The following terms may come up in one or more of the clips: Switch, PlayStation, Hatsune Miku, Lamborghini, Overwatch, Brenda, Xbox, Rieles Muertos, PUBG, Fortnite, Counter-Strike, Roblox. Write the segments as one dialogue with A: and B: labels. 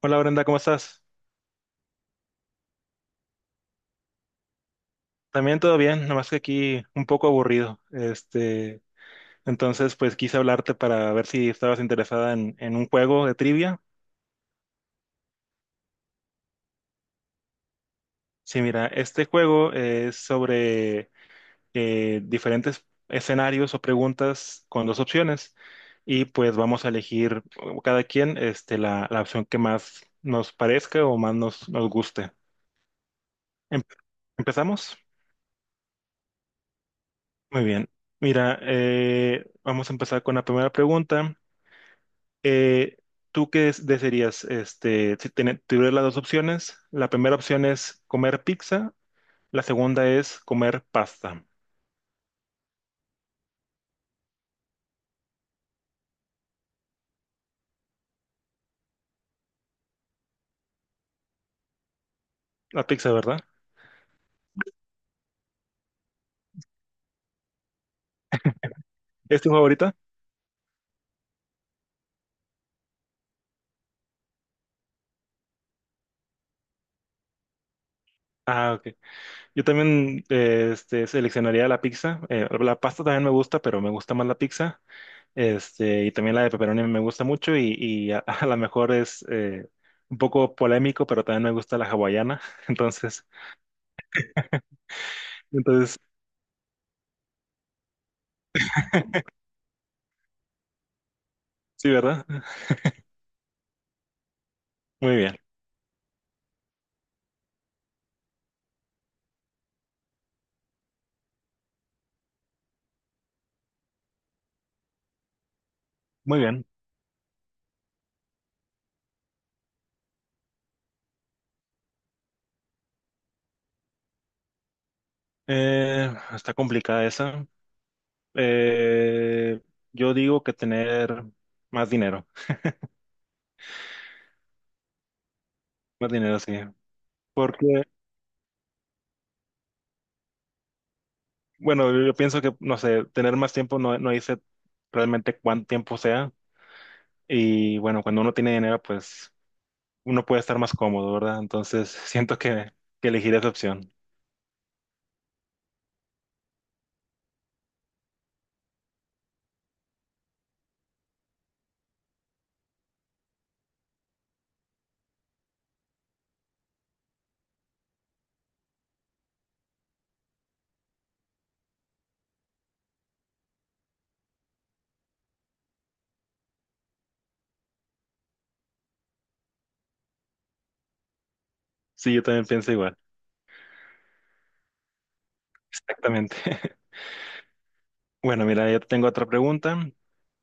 A: Hola Brenda, ¿cómo estás? También todo bien, nomás que aquí un poco aburrido. Entonces, pues quise hablarte para ver si estabas interesada en un juego de trivia. Sí, mira, este juego es sobre diferentes escenarios o preguntas con dos opciones y pues vamos a elegir cada quien la opción que más nos parezca o más nos guste. Em- ¿Empezamos? Muy bien. Mira, vamos a empezar con la primera pregunta. Eh, ¿Tú qué desearías? Si tuvieras las dos opciones, la primera opción es comer pizza, la segunda es comer pasta. La pizza, ¿verdad? ¿Es tu favorita? Ah, ok. Yo también seleccionaría la pizza. La pasta también me gusta, pero me gusta más la pizza. Y también la de pepperoni me gusta mucho y a lo mejor es un poco polémico, pero también me gusta la hawaiana. Entonces, entonces, sí, ¿verdad? Muy bien, muy bien. Está complicada esa. Eh, yo digo que tener más dinero, más dinero, sí. Porque, bueno, yo pienso que, no sé, tener más tiempo no dice realmente cuánto tiempo sea. Y bueno, cuando uno tiene dinero, pues uno puede estar más cómodo, ¿verdad? Entonces, siento que elegiré esa opción. Sí, yo también pienso igual. Exactamente. Bueno, mira, yo tengo otra pregunta.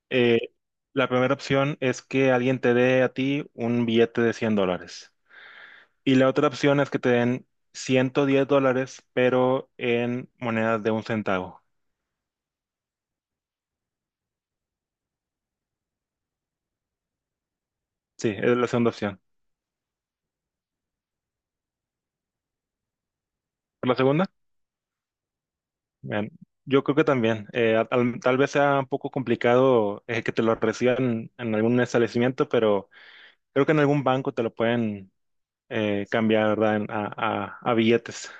A: Eh, la primera opción es que alguien te dé a ti un billete de $100. Y la otra opción es que te den $110, pero en monedas de un centavo. Sí, es la segunda opción. ¿Por la segunda? Bien, yo creo que también. Tal vez sea un poco complicado que te lo reciban en algún establecimiento, pero creo que en algún banco te lo pueden cambiar, ¿verdad? A billetes.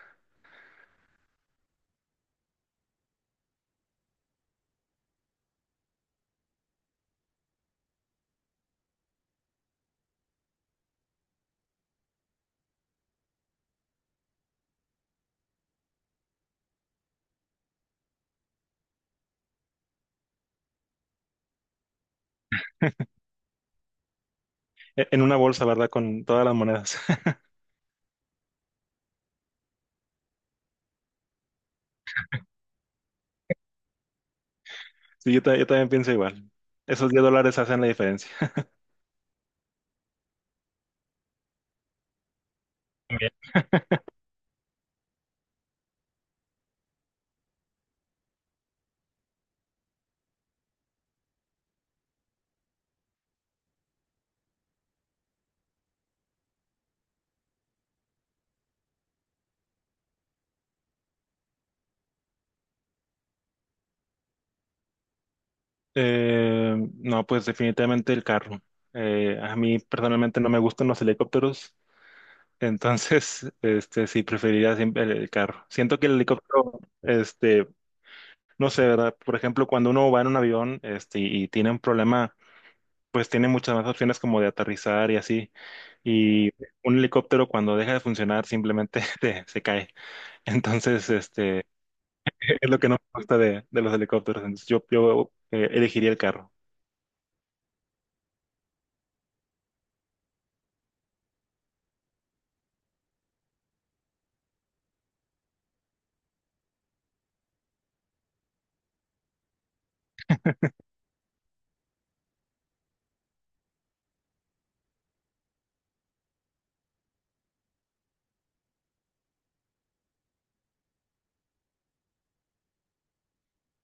A: En una bolsa, ¿verdad? Con todas las monedas. Sí, yo también pienso igual. Esos $10 hacen la diferencia. Eh, no, pues definitivamente el carro. A mí personalmente no me gustan los helicópteros, entonces, sí preferiría siempre el carro. Siento que el helicóptero, no sé, ¿verdad? Por ejemplo, cuando uno va en un avión, y tiene un problema, pues tiene muchas más opciones como de aterrizar y así. Y un helicóptero cuando deja de funcionar simplemente se cae. Entonces, es lo que no me gusta de los helicópteros. Entonces, yo elegiría el carro.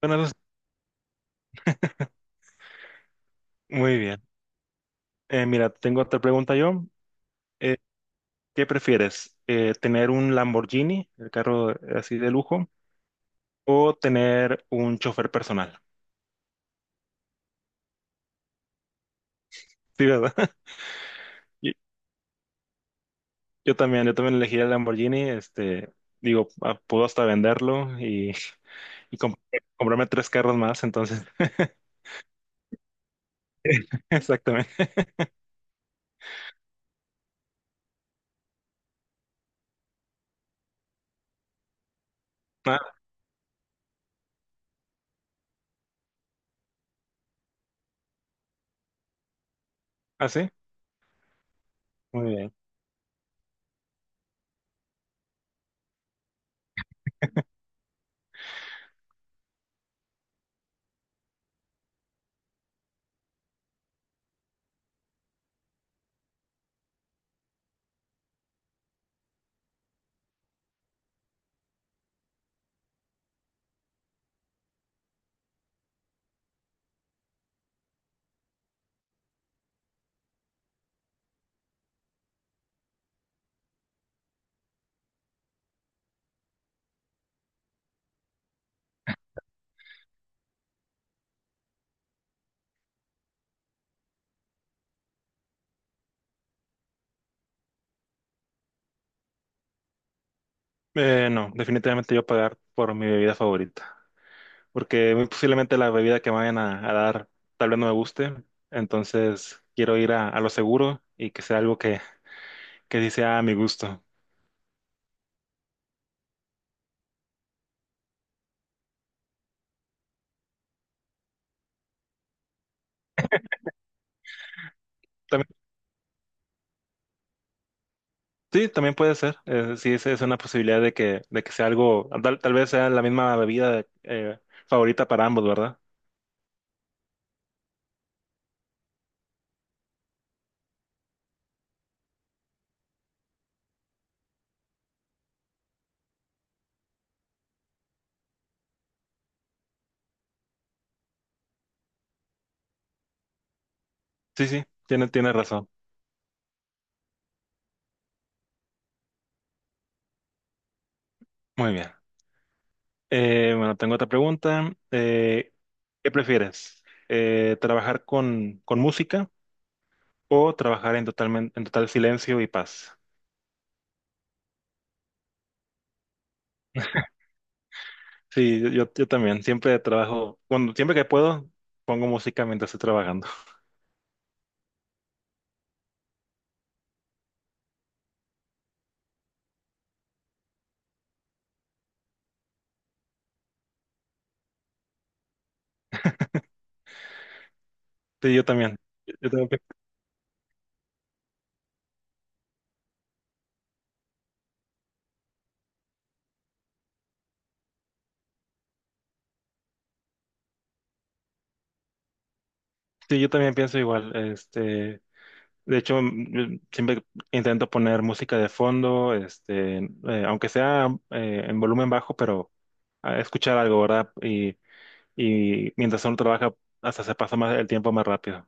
A: Bueno, eso es muy bien. Mira, tengo otra pregunta yo. Eh, ¿Qué prefieres? ¿Tener un Lamborghini, el carro así de lujo, o tener un chofer personal? Sí, ¿verdad? Yo, yo también, yo también elegí el Lamborghini, digo, ah, puedo hasta venderlo y, y comp- comprarme tres carros más, entonces. Exactamente. Ah, ¿Ah, sí? Muy bien. No, definitivamente yo pagar por mi bebida favorita. Porque muy posiblemente la bebida que me vayan a dar tal vez no me guste, entonces quiero ir a lo seguro y que sea algo que sí sea a mi gusto. También, sí, también puede ser, sí, esa es una posibilidad de que sea algo, tal vez sea la misma bebida favorita para ambos, ¿verdad? Sí, sí, tiene razón. Muy bien. Bueno, tengo otra pregunta. ¿Qué prefieres? ¿Trabajar con música o trabajar en en total silencio y paz? Sí, yo yo también. Siempre trabajo, cuando siempre que puedo, pongo música mientras estoy trabajando. Sí, yo también. Yo también pi- sí, yo también pienso igual. De hecho, yo siempre intento poner música de fondo, aunque sea en volumen bajo, pero a escuchar algo, ¿verdad? Y mientras uno trabaja, hasta se pasa más el tiempo más rápido.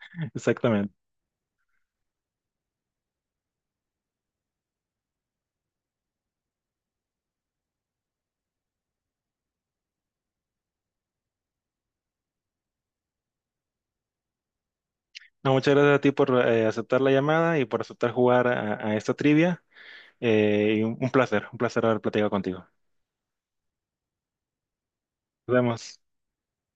A: Exactamente. No, muchas gracias a ti por aceptar la llamada y por aceptar jugar a esta trivia. Y un placer, un placer haber platicado contigo. Nos vemos.